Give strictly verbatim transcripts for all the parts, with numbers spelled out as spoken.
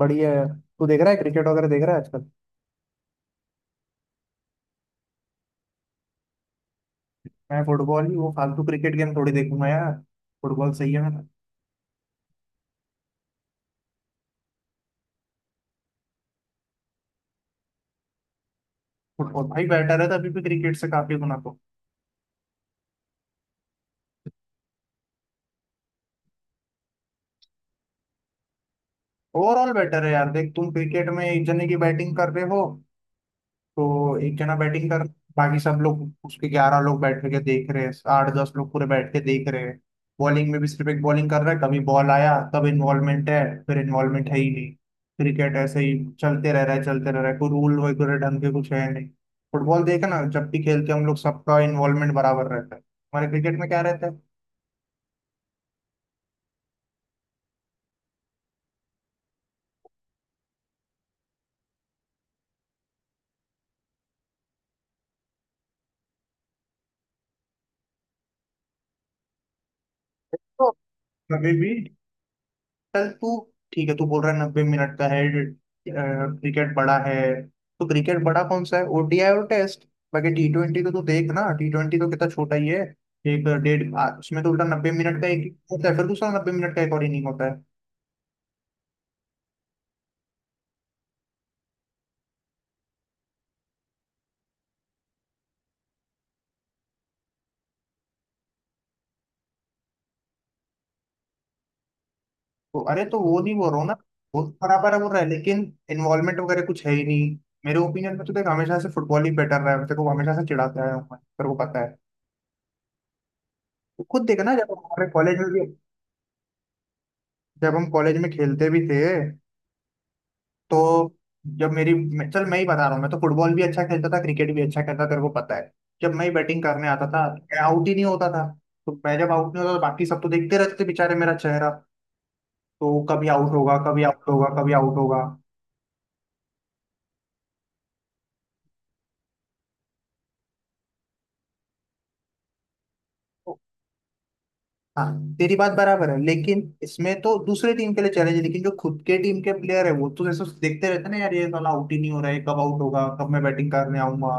बढ़िया है। तू देख रहा है क्रिकेट वगैरह देख रहा है आजकल। मैं फुटबॉल ही वो फालतू क्रिकेट गेम थोड़ी देखूंगा यार। फुटबॉल सही है मेरा। फुटबॉल भाई बेटर है तो अभी भी क्रिकेट से काफी गुना तो ओवरऑल बेटर है यार। देख, तुम क्रिकेट में एक जने की बैटिंग कर रहे हो तो एक जना बैटिंग कर, बाकी सब लोग उसके ग्यारह लोग बैठ के देख रहे हैं, आठ दस लोग पूरे बैठ के देख रहे हैं। बॉलिंग में भी सिर्फ एक बॉलिंग कर रहा है, कभी बॉल आया तब इन्वॉल्वमेंट है, फिर इन्वॉल्वमेंट है ही नहीं। क्रिकेट ऐसे ही चलते रह रहा है चलते रह रहा है कोई रूल वगैरह ढंग के कुछ है नहीं। फुटबॉल देखे ना, जब भी खेलते हैं हम लोग सबका इन्वॉल्वमेंट बराबर रहता है, हमारे क्रिकेट में क्या रहता है। तो कभी भी चल तू, ठीक है, तू बोल रहा है नब्बे मिनट का है, क्रिकेट बड़ा है। तो क्रिकेट बड़ा कौन सा है? ओ डी आई और टेस्ट। बाकी टी ट्वेंटी को तो देख ना, टी ट्वेंटी तो कितना छोटा ही है, एक डेढ़ आ, उसमें तो उल्टा नब्बे मिनट का एक होता है, फिर दूसरा नब्बे मिनट का एक और इनिंग होता है। तो अरे तो वो नहीं बोल रहा हूँ ना, बहुत बराबर है वो रहा है, लेकिन इन्वॉल्वमेंट वगैरह कुछ है ही नहीं। मेरे ओपिनियन में तो देख हमेशा से फुटबॉल ही बेटर रहा है, तेरे को हमेशा से चिढ़ाते आया हूँ मैं, तेरे को पता है। तो खुद देखना जब हमारे कॉलेज में भी, जब हम कॉलेज में खेलते भी थे तो, जब मेरी मैं- चल मैं ही बता रहा हूँ, मैं तो फुटबॉल भी अच्छा खेलता था क्रिकेट भी अच्छा खेलता था, तेरे को पता है। जब मैं बैटिंग करने आता था मैं आउट ही नहीं होता था, तो मैं जब आउट नहीं होता तो बाकी सब तो देखते रहते थे बेचारे मेरा चेहरा, तो कभी आउट होगा कभी आउट होगा कभी आउट होगा। तो हाँ, तेरी बात बराबर है, लेकिन इसमें तो दूसरे टीम के लिए चैलेंज है, लेकिन जो खुद के टीम के प्लेयर है वो तो जैसे देखते रहते हैं ना यार, ये साला आउट ही नहीं हो रहा है, कब आउट होगा, कब मैं बैटिंग करने आऊंगा।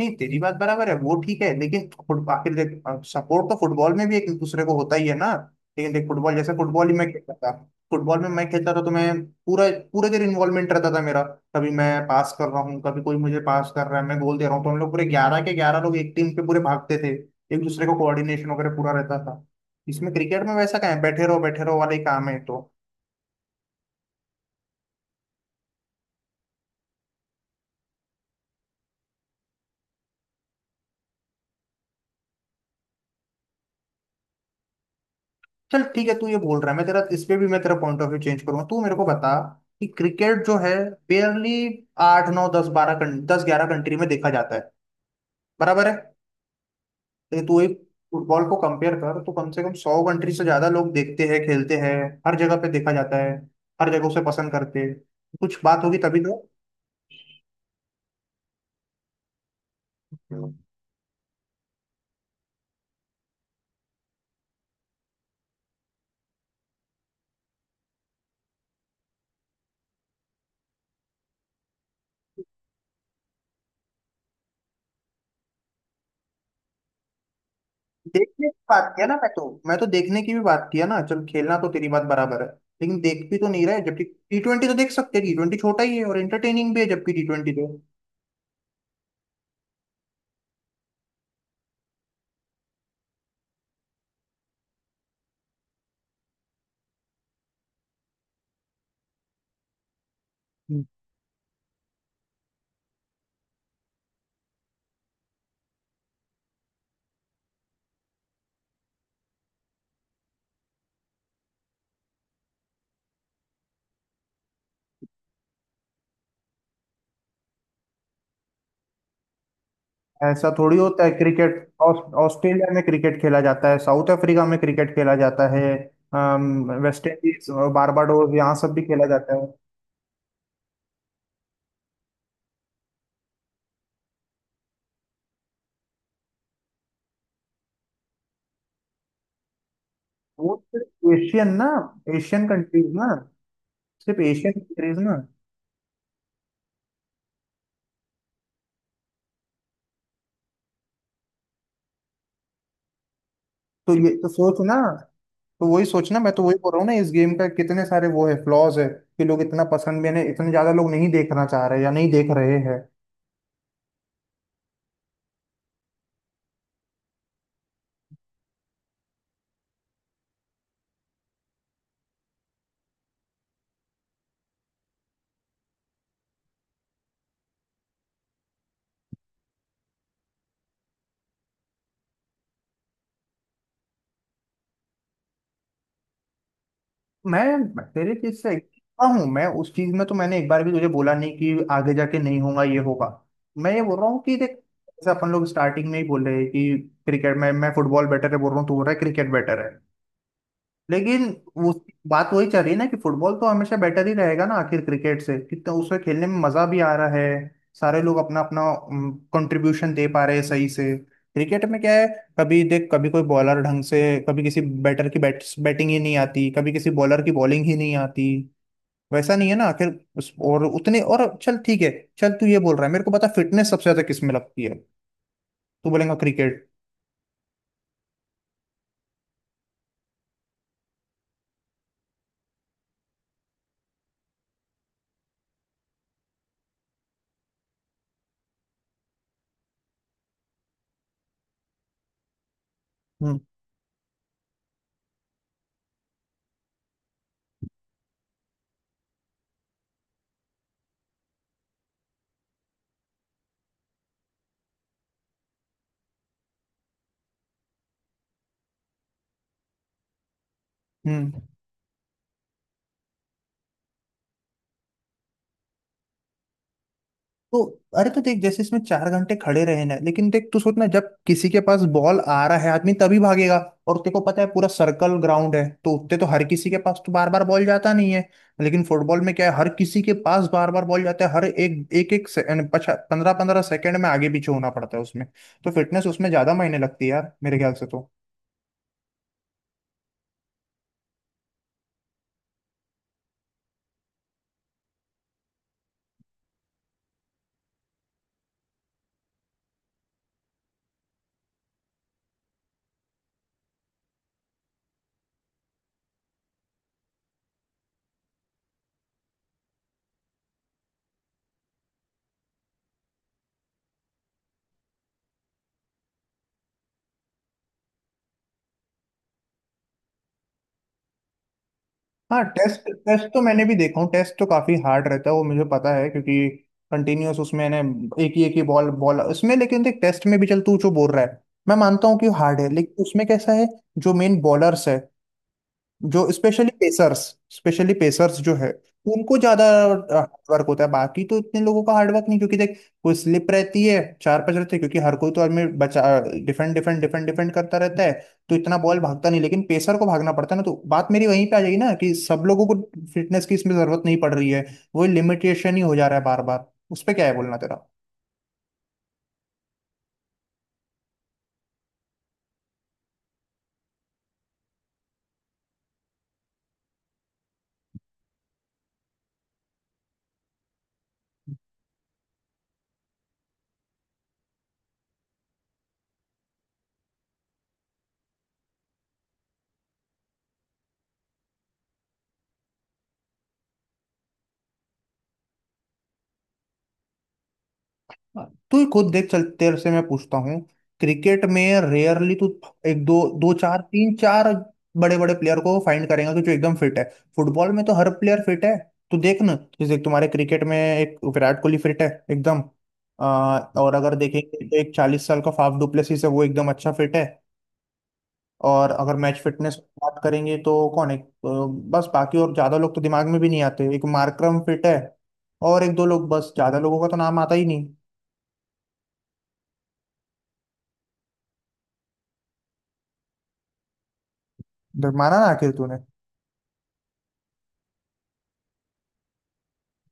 नहीं, तेरी बात बराबर है वो ठीक है, लेकिन फुट- आखिर देख सपोर्ट तो फुटबॉल में भी एक दूसरे को होता ही है ना। लेकिन देख फुटबॉल, जैसे फुटबॉल ही मैं खेलता था, फुटबॉल में मैं खेलता था तो मैं पूरा पूरे देर इन्वॉल्वमेंट रहता था मेरा। कभी मैं पास कर रहा हूँ कभी कोई मुझे पास कर रहा है मैं गोल दे रहा हूँ, तो हम लोग पूरे ग्यारह के ग्यारह लोग एक टीम पे पूरे भागते थे, एक दूसरे को कोऑर्डिनेशन वगैरह पूरा रहता था। इसमें क्रिकेट में वैसा क्या है, बैठे रहो बैठे रहो वाले काम है तो। चल ठीक है, तू ये बोल रहा है, मैं तेरा इस पे भी मैं तेरा पॉइंट ऑफ व्यू चेंज करूंगा, तू मेरे को बता कि क्रिकेट जो है बेयरली आठ नौ दस बारह, दस ग्यारह कंट्री में देखा जाता है, बराबर है। लेकिन तू एक फुटबॉल को कंपेयर कर तो कम से कम सौ कंट्री से ज्यादा लोग देखते हैं खेलते हैं, हर जगह पे देखा जाता है, हर जगह उसे पसंद करते हैं, कुछ बात होगी तभी। तो देखने की बात किया ना, मैं तो मैं तो देखने की भी बात किया ना, चल खेलना तो तेरी बात बराबर है, लेकिन देख भी तो नहीं रहे, जबकि टी ट्वेंटी तो देख सकते हैं, टी ट्वेंटी छोटा ही है और एंटरटेनिंग भी है, जबकि टी ट्वेंटी तो। ऐसा थोड़ी होता है क्रिकेट। ऑस- ऑस्ट्रेलिया में क्रिकेट खेला जाता है, साउथ अफ्रीका में क्रिकेट खेला जाता है, अम, वेस्ट इंडीज और बारबाडोस यहाँ सब भी खेला जाता है। वो सिर्फ एशियन ना, एशियन कंट्रीज ना, सिर्फ एशियन कंट्रीज ना। तो ये तो सोच ना, तो वही सोचना, मैं तो वही बोल रहा हूँ ना, इस गेम का कितने सारे वो है फ्लॉज है कि लोग इतना पसंद भी नहीं, इतने ज्यादा लोग नहीं देखना चाह रहे या नहीं देख रहे हैं। मैं तेरे चीज से एकदम हूँ मैं, उस चीज में तो मैंने एक बार भी तुझे बोला नहीं कि आगे जाके नहीं होगा ये होगा। मैं ये बोल रहा हूँ कि देख, जैसे अपन लोग स्टार्टिंग में ही बोल रहे हैं कि क्रिकेट में, मैं फुटबॉल बेटर है बोल रहा हूँ, तू बोल रहा है क्रिकेट बेटर है, लेकिन वो बात वही चल रही है ना कि फुटबॉल तो हमेशा बेटर ही रहेगा ना आखिर क्रिकेट से, कितना उसमें खेलने में मजा भी आ रहा है, सारे लोग अपना अपना कंट्रीब्यूशन दे पा रहे हैं सही से। क्रिकेट में क्या है, कभी देख कभी कोई बॉलर ढंग से, कभी किसी बैटर की बैट बैटिंग ही नहीं आती, कभी किसी बॉलर की बॉलिंग ही नहीं आती, वैसा नहीं है ना आखिर। उस, और उतने और, चल ठीक है। चल तू ये बोल रहा है, मेरे को पता फिटनेस सबसे ज्यादा किस में लगती है, तू बोलेगा क्रिकेट। हम्म। हम्म। तो अरे तो देख, जैसे इसमें चार घंटे खड़े रहे ना, लेकिन देख तू सोचना, जब किसी के पास बॉल आ रहा है आदमी तभी भागेगा, और तेरे को पता है पूरा सर्कल ग्राउंड है तो उतने तो हर किसी के पास तो बार बार बॉल जाता नहीं है, लेकिन फुटबॉल में क्या है, हर किसी के पास बार बार बॉल जाता है, हर एक एक एक पंद्रह पंद्रह सेकंड में आगे पीछे होना पड़ता है उसमें, तो फिटनेस उसमें ज्यादा मायने लगती है यार, मेरे ख्याल से तो। हाँ, टेस्ट टेस्ट तो मैंने भी देखा हूँ, टेस्ट तो काफी हार्ड रहता है वो, मुझे पता है क्योंकि कंटिन्यूअस उसमें ने, एक ही एक ही बॉल बॉल उसमें, लेकिन देख टेस्ट में भी, चल तू जो बोल रहा है मैं मानता हूँ कि हार्ड है, लेकिन उसमें कैसा है जो मेन बॉलर्स है, जो स्पेशली पेसर्स, स्पेशली पेसर्स जो है उनको ज्यादा हार्डवर्क होता है, बाकी तो इतने लोगों का हार्डवर्क नहीं क्योंकि देख कोई स्लिप रहती है, चार पांच रहते हैं क्योंकि हर कोई तो आदमी बचा डिफेंड डिफेंड डिफेंड डिफेंड करता रहता है, तो इतना बॉल भागता नहीं, लेकिन पेसर को भागना पड़ता है ना, तो बात मेरी वहीं पे आ जाएगी ना कि सब लोगों को फिटनेस की इसमें जरूरत नहीं पड़ रही है, वो लिमिटेशन ही हो जा रहा है बार बार। उस पर क्या है बोलना तेरा? हाँ, तू खुद देख, चल तेरे से मैं पूछता हूँ, क्रिकेट में रेयरली तू एक दो दो चार तीन चार बड़े बड़े प्लेयर को फाइंड करेगा कि जो एकदम फिट है, फुटबॉल में तो हर प्लेयर फिट है। तू देख ना, जैसे तुम्हारे क्रिकेट में एक विराट कोहली फिट है एकदम, आ, और अगर देखेंगे तो एक चालीस साल का फाफ डुप्लेसिस है वो एकदम अच्छा फिट है, और अगर मैच फिटनेस बात करेंगे तो कौन है, अ, बस, बाकी और ज्यादा लोग तो दिमाग में भी नहीं आते, एक मार्करम फिट है और एक दो लोग बस, ज्यादा लोगों का तो नाम आता ही नहीं। माना ना आखिर तूने।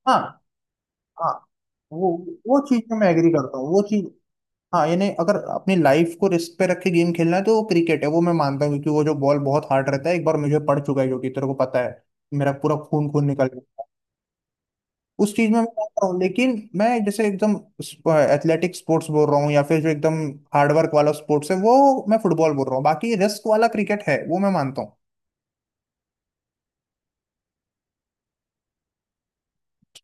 हाँ हाँ, वो वो चीज में मैं एग्री करता हूँ वो चीज। हाँ यानी अगर अपनी लाइफ को रिस्क पे रख के गेम खेलना है तो वो क्रिकेट है वो मैं मानता हूँ, क्योंकि वो जो बॉल बहुत हार्ड रहता है, एक बार मुझे पड़ चुका है जो कि तेरे को पता है, मेरा पूरा खून खून निकल गया, उस चीज में मैं मानता हूँ, लेकिन मैं जैसे एकदम एथलेटिक स्पोर्ट्स बोल रहा हूँ, या फिर जो एकदम हार्डवर्क वाला स्पोर्ट्स है वो मैं फुटबॉल बोल रहा हूँ, बाकी रिस्क वाला क्रिकेट है वो मैं मानता हूँ।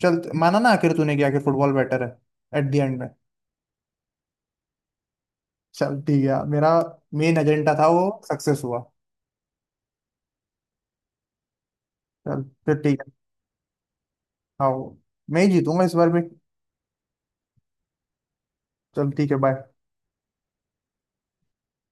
चल, माना ना आखिर तूने किया कि आखिर फुटबॉल बेटर है एट द एंड में। चल ठीक है, मेरा मेन एजेंडा था वो सक्सेस हुआ, चल फिर ठीक है। हाँ, मैं ही जीतूंगा इस बार भी। चल ठीक है, बाय।